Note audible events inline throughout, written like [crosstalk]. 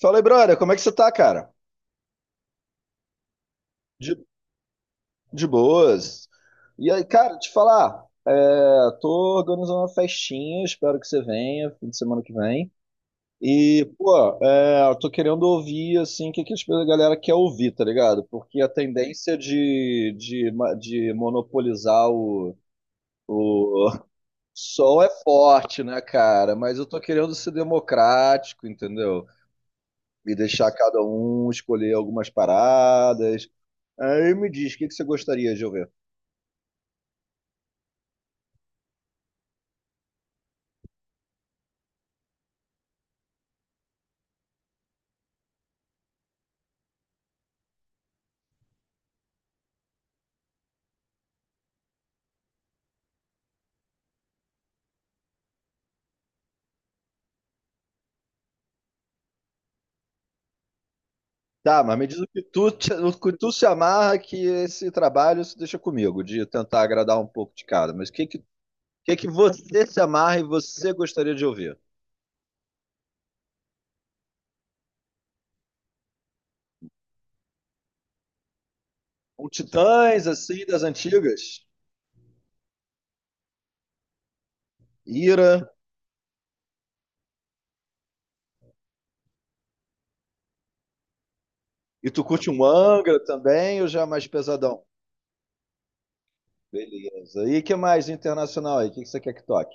Fala aí, brother, como é que você tá, cara? De, de boas. E aí, cara, te falar, é, tô organizando uma festinha, espero que você venha, fim de semana que vem. E, pô, eu tô querendo ouvir, assim, o que, que a galera quer ouvir, tá ligado? Porque a tendência de monopolizar o [laughs] som é forte, né, cara? Mas eu tô querendo ser democrático, entendeu? E deixar cada um escolher algumas paradas. Aí me diz, o que que você gostaria de ouvir? Tá, mas me diz o que tu se amarra que esse trabalho se deixa comigo, de tentar agradar um pouco de cada. Mas o que que você se amarra e você gostaria de ouvir? Um Titãs, assim, das antigas? Ira? E tu curte um Angra também ou já é mais pesadão? Beleza. E que mais internacional aí? O que que você quer que toque?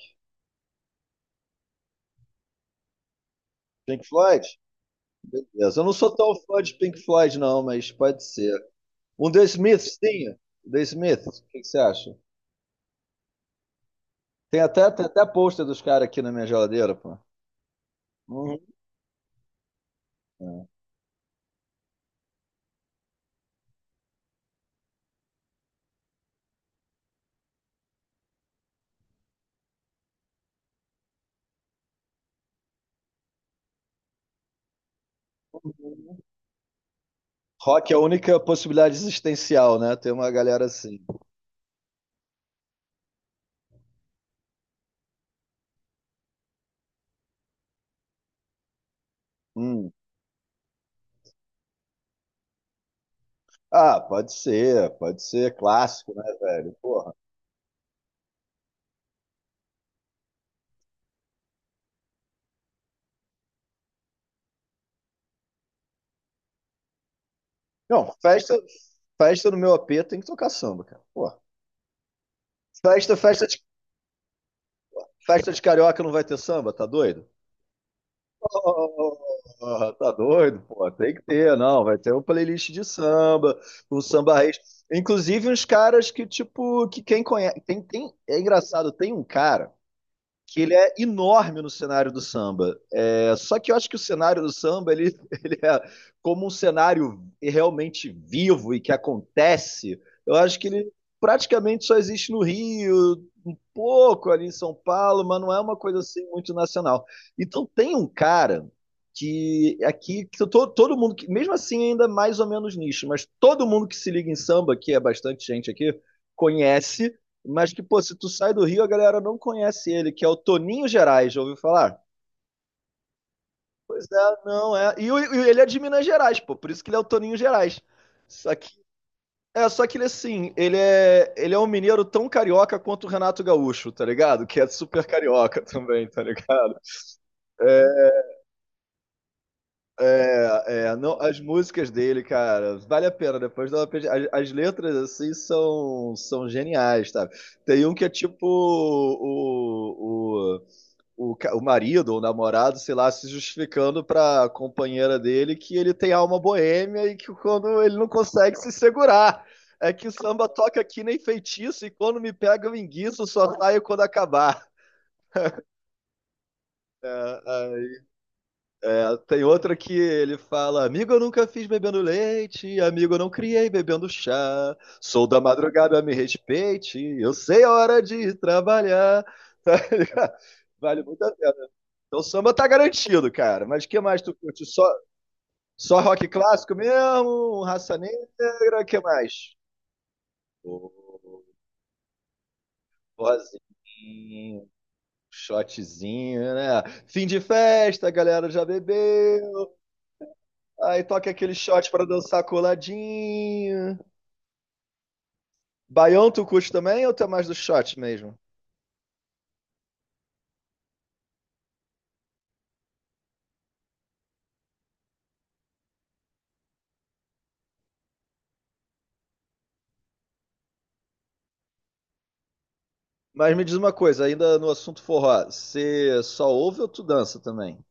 Pink Floyd? Beleza. Eu não sou tão fã de Pink Floyd, não, mas pode ser. Um The Smiths tinha. The Smiths, o que que você acha? Tem até pôster dos caras aqui na minha geladeira, pô. Uhum. É. Rock é a única possibilidade existencial, né? Tem uma galera assim. Hum. Ah, pode ser clássico, né, velho? Porra. Não, festa no meu AP tem que tocar samba, cara. Porra. Festa, festa de, festa de carioca não vai ter samba, tá doido? Oh, tá doido, pô. Tem que ter, não. Vai ter uma playlist de samba, um samba raiz. Inclusive uns caras que, tipo, que quem conhece. É engraçado, tem um cara que ele é enorme no cenário do samba. É, só que eu acho que o cenário do samba ele, [laughs] ele é como um cenário realmente vivo e que acontece. Eu acho que ele praticamente só existe no Rio, um pouco ali em São Paulo, mas não é uma coisa assim muito nacional. Então tem um cara que aqui que todo mundo, que, mesmo assim ainda é mais ou menos nicho, mas todo mundo que se liga em samba, que é bastante gente aqui, conhece mas que, pô, se tu sai do Rio, a galera não conhece ele, que é o Toninho Gerais, já ouviu falar? Pois é, não é. E ele é de Minas Gerais, pô, por isso que ele é o Toninho Gerais. Só que, só que ele, assim, ele é um mineiro tão carioca quanto o Renato Gaúcho, tá ligado? Que é super carioca [laughs] também, tá ligado? É, é, não, as músicas dele, cara, vale a pena. Depois dá uma as letras, assim, são geniais, tá? Tem um que é tipo o marido ou namorado, sei lá, se justificando pra companheira dele que ele tem alma boêmia e que quando ele não consegue se segurar. É que o samba toca aqui nem feitiço e quando me pega eu enguiço, só saio quando acabar. É, é, é, tem outra que ele fala: Amigo, eu nunca fiz bebendo leite, amigo, eu não criei bebendo chá. Sou da madrugada, me respeite, eu sei a hora de trabalhar. [laughs] Tá ligado? Vale muito a pena. Então samba tá garantido, cara. Mas o que mais tu curte? Só rock clássico mesmo? Raça Negra? O que mais? Pô, Rosinho, shotzinho, né? Fim de festa, a galera já bebeu. Aí toca aquele shot pra dançar coladinho. Baião tu curte também ou tu é mais do shot mesmo? Mas me diz uma coisa, ainda no assunto forró, você só ouve ou tu dança também?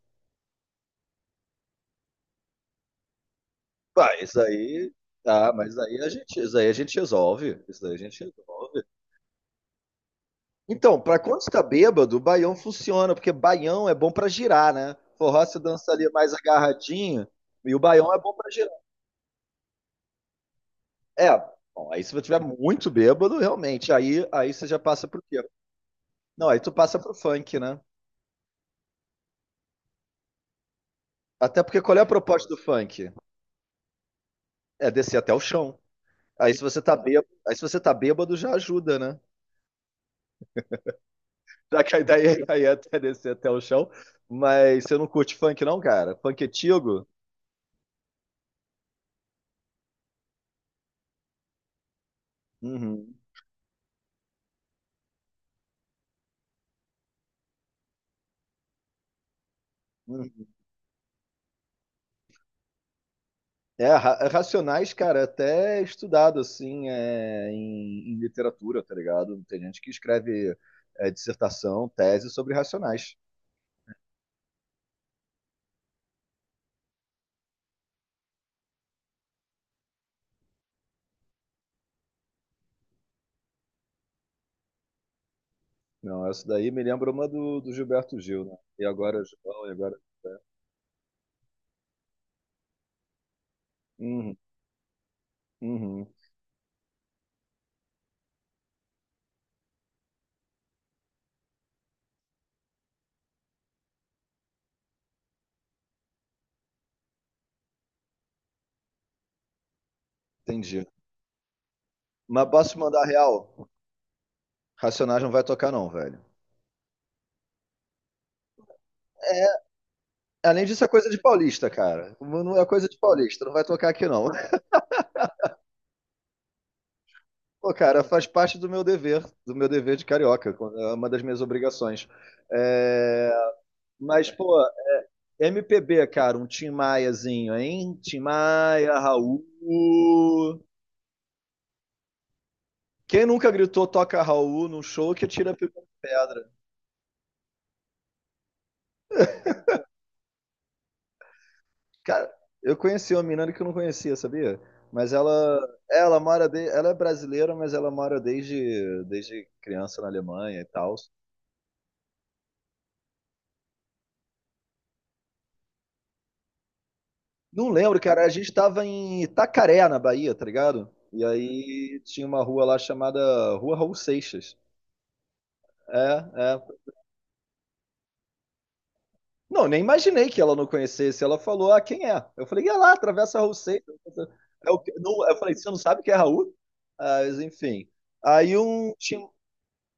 Pá, isso aí. Tá, mas aí a gente, isso aí a gente resolve. Isso aí a gente resolve. Então, pra quando você tá bêbado, o baião funciona, porque baião é bom pra girar, né? Forró você dança ali mais agarradinho, e o baião é bom pra girar. É, bom, aí se você tiver muito bêbado, realmente, aí você já passa pro quê? Não, aí tu passa pro funk, né? Até porque qual é a proposta do funk? É descer até o chão. Aí se você tá bêbado, aí se você tá bêbado já ajuda, né? Daí [laughs] até descer até o chão. Mas você não curte funk, não, cara? Funk antigo? Uhum. Uhum. É, é Racionais, cara, é até estudado, assim, em literatura, tá ligado? Tem gente que escreve dissertação, tese sobre Racionais. Não, essa daí me lembra uma do Gilberto Gil, né? E agora, João, e agora... né? Uhum, uhum, entendi. Mas posso mandar real? Racionais não vai tocar, não, velho. Além disso, é coisa de paulista, cara. Não é coisa de paulista, não vai tocar aqui não. Pô, cara, faz parte do meu dever de carioca, é uma das minhas obrigações. É, mas, pô, MPB, cara, um Tim Maiazinho, hein? Tim Maia, Raul. Quem nunca gritou toca Raul num show que tira a primeira pedra? Cara, eu conheci uma menina que eu não conhecia, sabia? Mas ela mora de, ela é brasileira, mas ela mora desde criança na Alemanha e tal. Não lembro, cara. A gente tava em Itacaré, na Bahia, tá ligado? E aí tinha uma rua lá chamada Rua Raul Seixas. É, é. Não, nem imaginei que ela não conhecesse. Ela falou, ah, quem é? Eu falei, é lá, atravessa a Raul Seixas. É o que- não- Eu falei, você não sabe quem é Raul? Ah, mas, enfim. Aí um.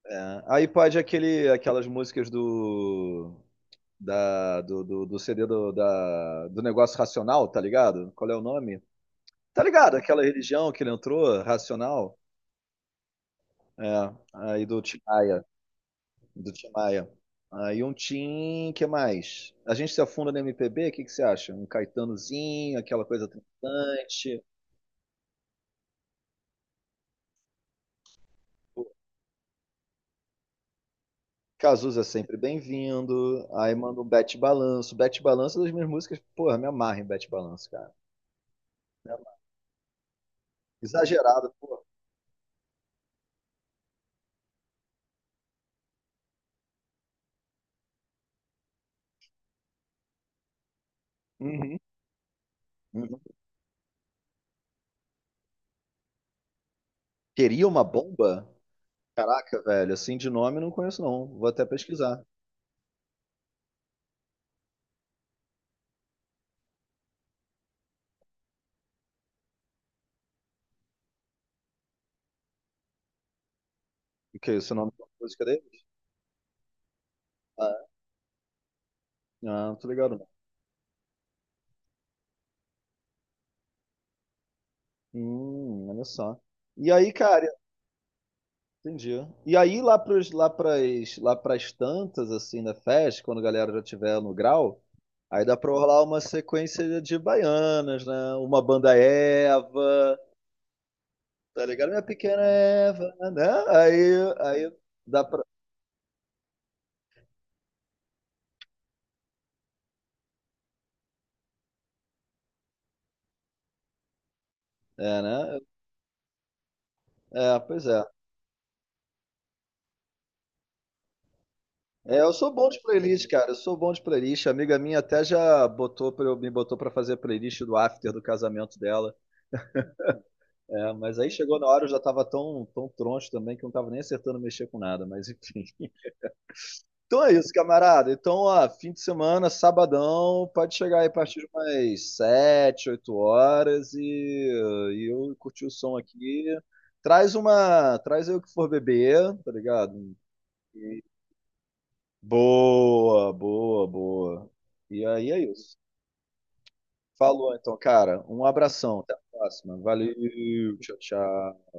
Aí pode aquelas músicas do. Do CD do Negócio Racional, tá ligado? Qual é o nome? Tá ligado? Aquela religião que ele entrou, Racional. É, aí do Tim Maia. Aí um Tim, que mais? A gente se afunda no MPB, o que que você acha? Um Caetanozinho, aquela coisa triunfante. O Cazuza é sempre bem-vindo. Aí manda um Bete Balanço. Bete Balanço é das minhas músicas, porra, me amarra em Bete Balanço, cara. Me amarra. Exagerado, porra. Uhum, uhum. Teria uma bomba? Caraca, velho, assim de nome não conheço não. Vou até pesquisar. O que é esse nome da música dele? Ah, é? Ah, não tô ligado não. Olha só. E aí, cara, entendi. E aí, lá pras tantas, assim, da festa, quando a galera já tiver no grau, aí dá pra rolar uma sequência de baianas, né? Uma banda Eva, tá ligado? Minha pequena Eva, né? Aí dá pra. É, né? É, pois é. É, eu sou bom de playlist, cara. Eu sou bom de playlist. A amiga minha até já botou pra, me botou pra fazer a playlist do after do casamento dela. É, mas aí chegou na hora, eu já tava tão, tão troncho também que eu não tava nem acertando mexer com nada, mas enfim. Então é isso, camarada. Então, ó, fim de semana, sabadão, pode chegar aí a partir de umas 7, 8 horas e eu curti o som aqui. Traz uma. Traz aí o que for beber, tá ligado? E- Boa, boa, boa. E aí é isso. Falou então, cara. Um abração. Até a próxima. Valeu, tchau, tchau.